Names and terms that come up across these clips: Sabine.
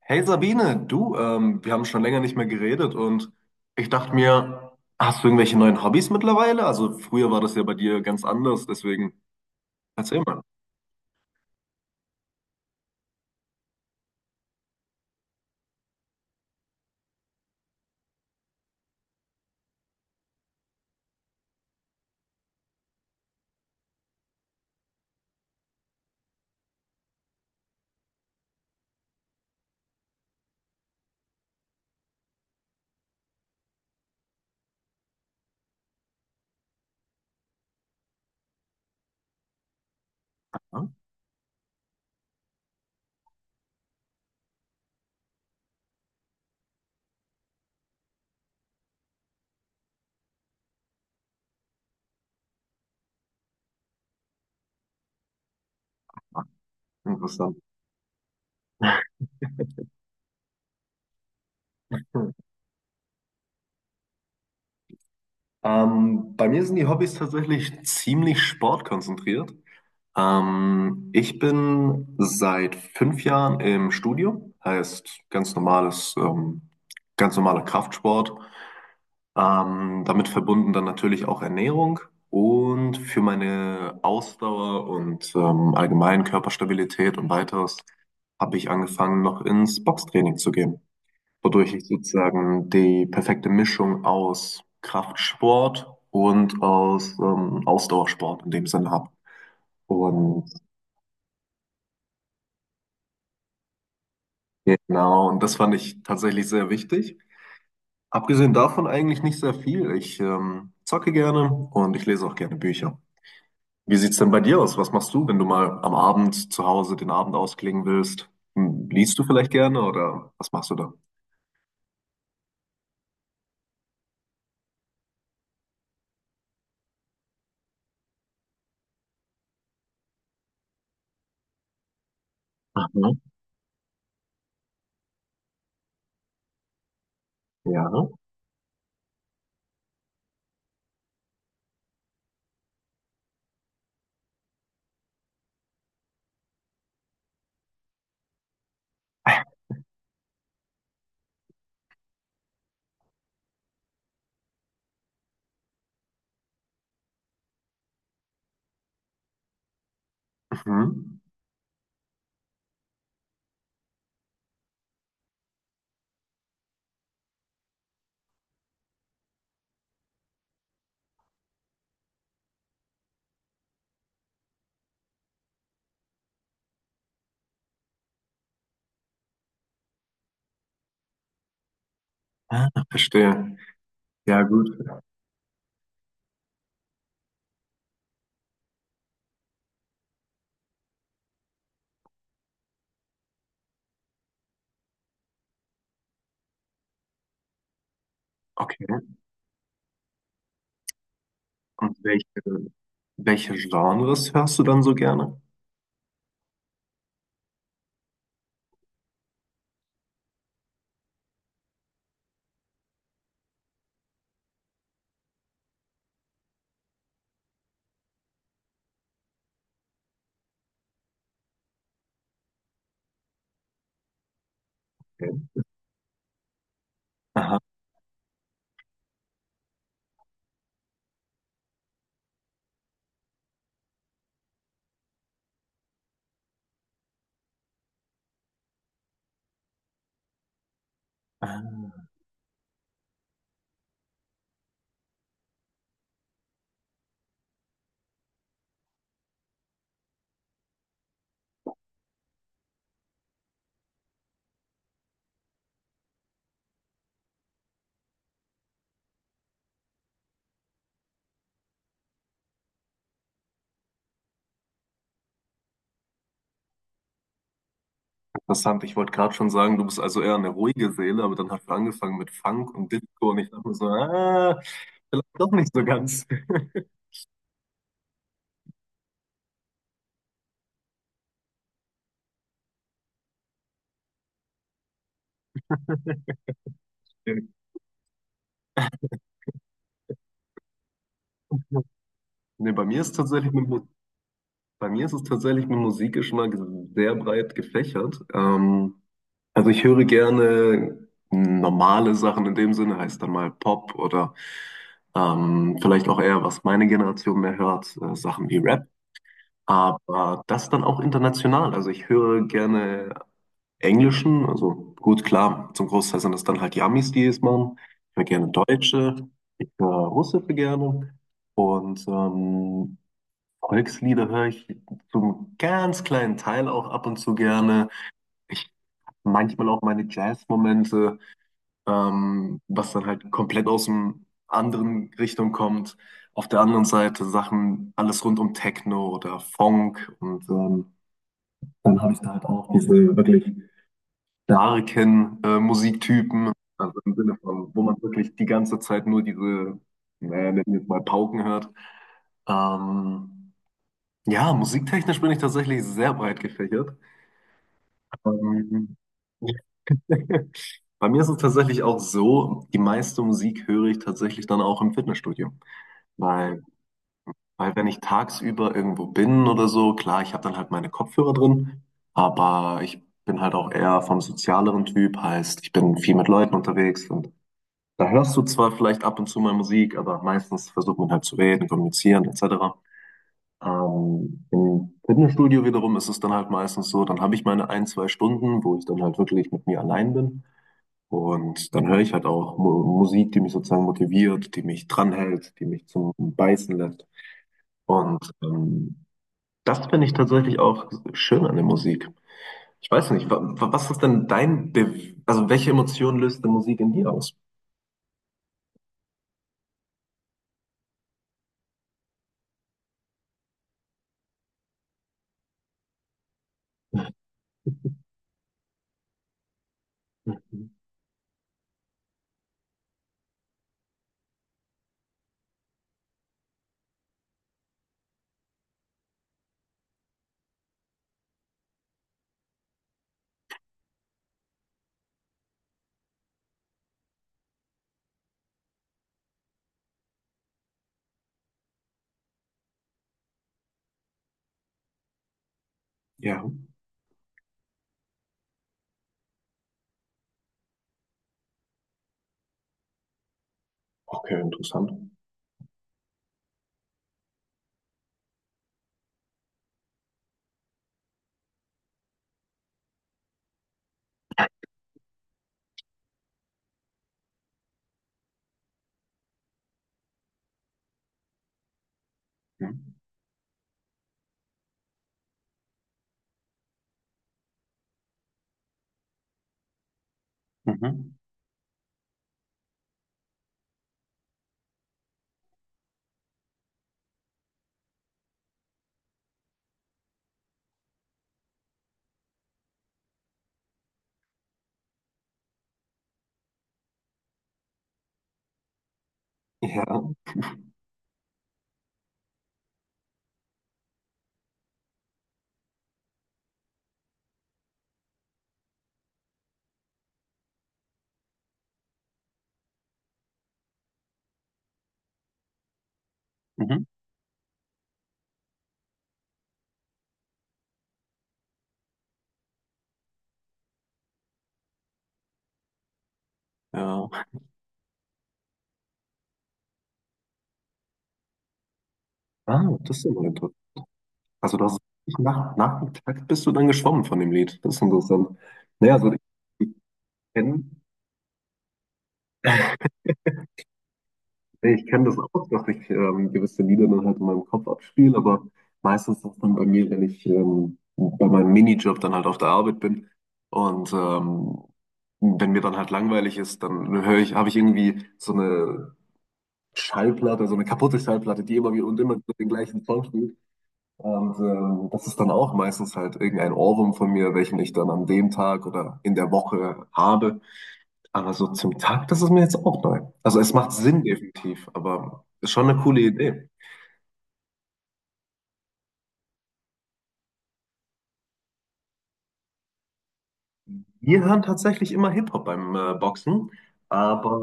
Hey Sabine, du, wir haben schon länger nicht mehr geredet und ich dachte mir, hast du irgendwelche neuen Hobbys mittlerweile? Also früher war das ja bei dir ganz anders, deswegen erzähl mal. Ja? Ah, interessant. Hm. Bei mir sind die Hobbys tatsächlich ziemlich sportkonzentriert. Ich bin seit fünf Jahren im Studio, heißt ganz normales, ganz normaler Kraftsport. Damit verbunden dann natürlich auch Ernährung und für meine Ausdauer und allgemein Körperstabilität und weiteres habe ich angefangen, noch ins Boxtraining zu gehen, wodurch ich sozusagen die perfekte Mischung aus Kraftsport und aus Ausdauersport in dem Sinne habe. Und genau, und das fand ich tatsächlich sehr wichtig. Abgesehen davon eigentlich nicht sehr viel. Ich zocke gerne und ich lese auch gerne Bücher. Wie sieht's denn bei dir aus? Was machst du, wenn du mal am Abend zu Hause den Abend ausklingen willst? Hm, liest du vielleicht gerne oder was machst du da? Aha, ja. Mhm. Verstehe. Ja, gut. Okay. Und welche, welche Genres hörst du dann so gerne? Okay. Aha. Ah, interessant. Ich wollte gerade schon sagen, du bist also eher eine ruhige Seele, aber dann hast du angefangen mit Funk und Disco und ich dachte mir so, ah, vielleicht doch nicht so ganz. Nee, bei mir ist tatsächlich mit Musik. Bei mir ist es tatsächlich mit Musikgeschmack sehr breit gefächert. Also ich höre gerne normale Sachen in dem Sinne, heißt dann mal Pop oder vielleicht auch eher, was meine Generation mehr hört, Sachen wie Rap. Aber das dann auch international. Also ich höre gerne Englischen, also gut, klar, zum Großteil sind das dann halt die Amis, die es machen. Ich höre gerne Deutsche, ich höre Russische gerne und Volkslieder höre ich zum ganz kleinen Teil auch ab und zu gerne. Ich manchmal auch meine Jazz-Momente, was dann halt komplett aus dem anderen Richtung kommt. Auf der anderen Seite Sachen, alles rund um Techno oder Funk und dann habe ich da halt auch diese wirklich starken Musiktypen, also im Sinne von, wo man wirklich die ganze Zeit nur diese, naja, nennen wir es mal Pauken hört. Ähm, Ja, musiktechnisch bin ich tatsächlich sehr breit gefächert. Ähm, bei mir ist es tatsächlich auch so, die meiste Musik höre ich tatsächlich dann auch im Fitnessstudio. Weil, weil wenn ich tagsüber irgendwo bin oder so, klar, ich habe dann halt meine Kopfhörer drin, aber ich bin halt auch eher vom sozialeren Typ, heißt, ich bin viel mit Leuten unterwegs und da hörst du zwar vielleicht ab und zu mal Musik, aber meistens versucht man halt zu reden, kommunizieren etc. Im Fitnessstudio wiederum ist es dann halt meistens so, dann habe ich meine ein, zwei Stunden, wo ich dann halt wirklich mit mir allein bin. Und dann höre ich halt auch Mu Musik, die mich sozusagen motiviert, die mich dranhält, die mich zum Beißen lässt. Und das finde ich tatsächlich auch schön an der Musik. Ich weiß nicht, was ist denn dein, Be also welche Emotion löst die Musik in dir aus? Mhm. Ja, okay, interessant. Mhm. Mhm. Ja, mhm. Ja. Ah, das ist immer interessant. Also das ist wirklich nach, nach dem Takt bist du dann geschwommen von dem Lied. Das ist interessant. Naja, also ich kenne ich kenn das auch, dass ich gewisse Lieder dann halt in meinem Kopf abspiele, aber meistens ist das dann bei mir, wenn ich bei meinem Minijob dann halt auf der Arbeit bin und wenn mir dann halt langweilig ist, dann höre ich, habe ich irgendwie so eine Schallplatte, so eine kaputte Schallplatte, die immer wieder und immer wieder den gleichen Song spielt. Und das ist dann auch meistens halt irgendein Ohrwurm von mir, welchen ich dann an dem Tag oder in der Woche habe. Aber so zum Tag, das ist mir jetzt auch neu. Also es macht Sinn definitiv, aber ist schon eine coole Idee. Wir hören tatsächlich immer Hip-Hop beim Boxen, aber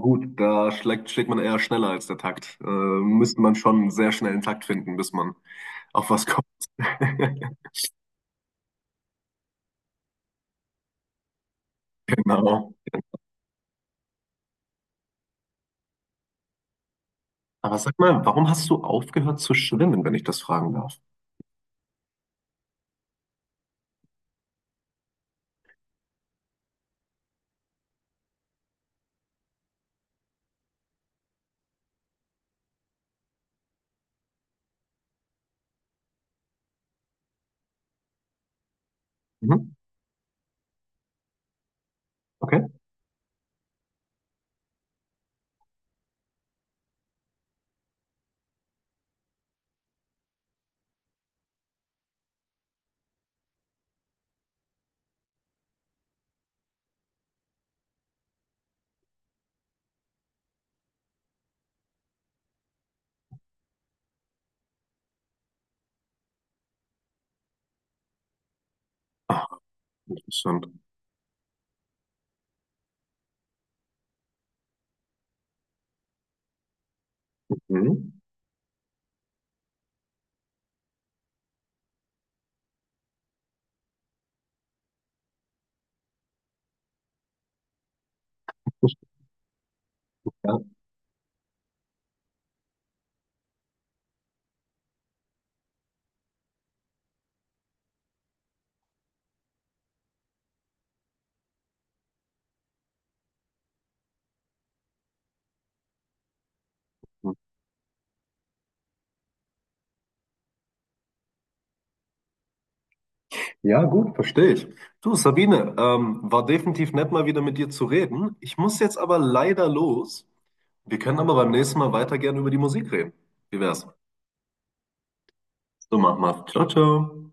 gut, da schlägt, schlägt man eher schneller als der Takt. Müsste man schon einen sehr schnellen Takt finden, bis man auf was kommt. Genau. Aber sag mal, warum hast du aufgehört zu schwimmen, wenn ich das fragen darf? Mhm. Okay, interessant. Mhm. Ja. Ja, gut, verstehe ich. Du, Sabine, war definitiv nett, mal wieder mit dir zu reden. Ich muss jetzt aber leider los. Wir können aber beim nächsten Mal weiter gerne über die Musik reden. Wie wär's? So, mach mal. Ciao, ciao.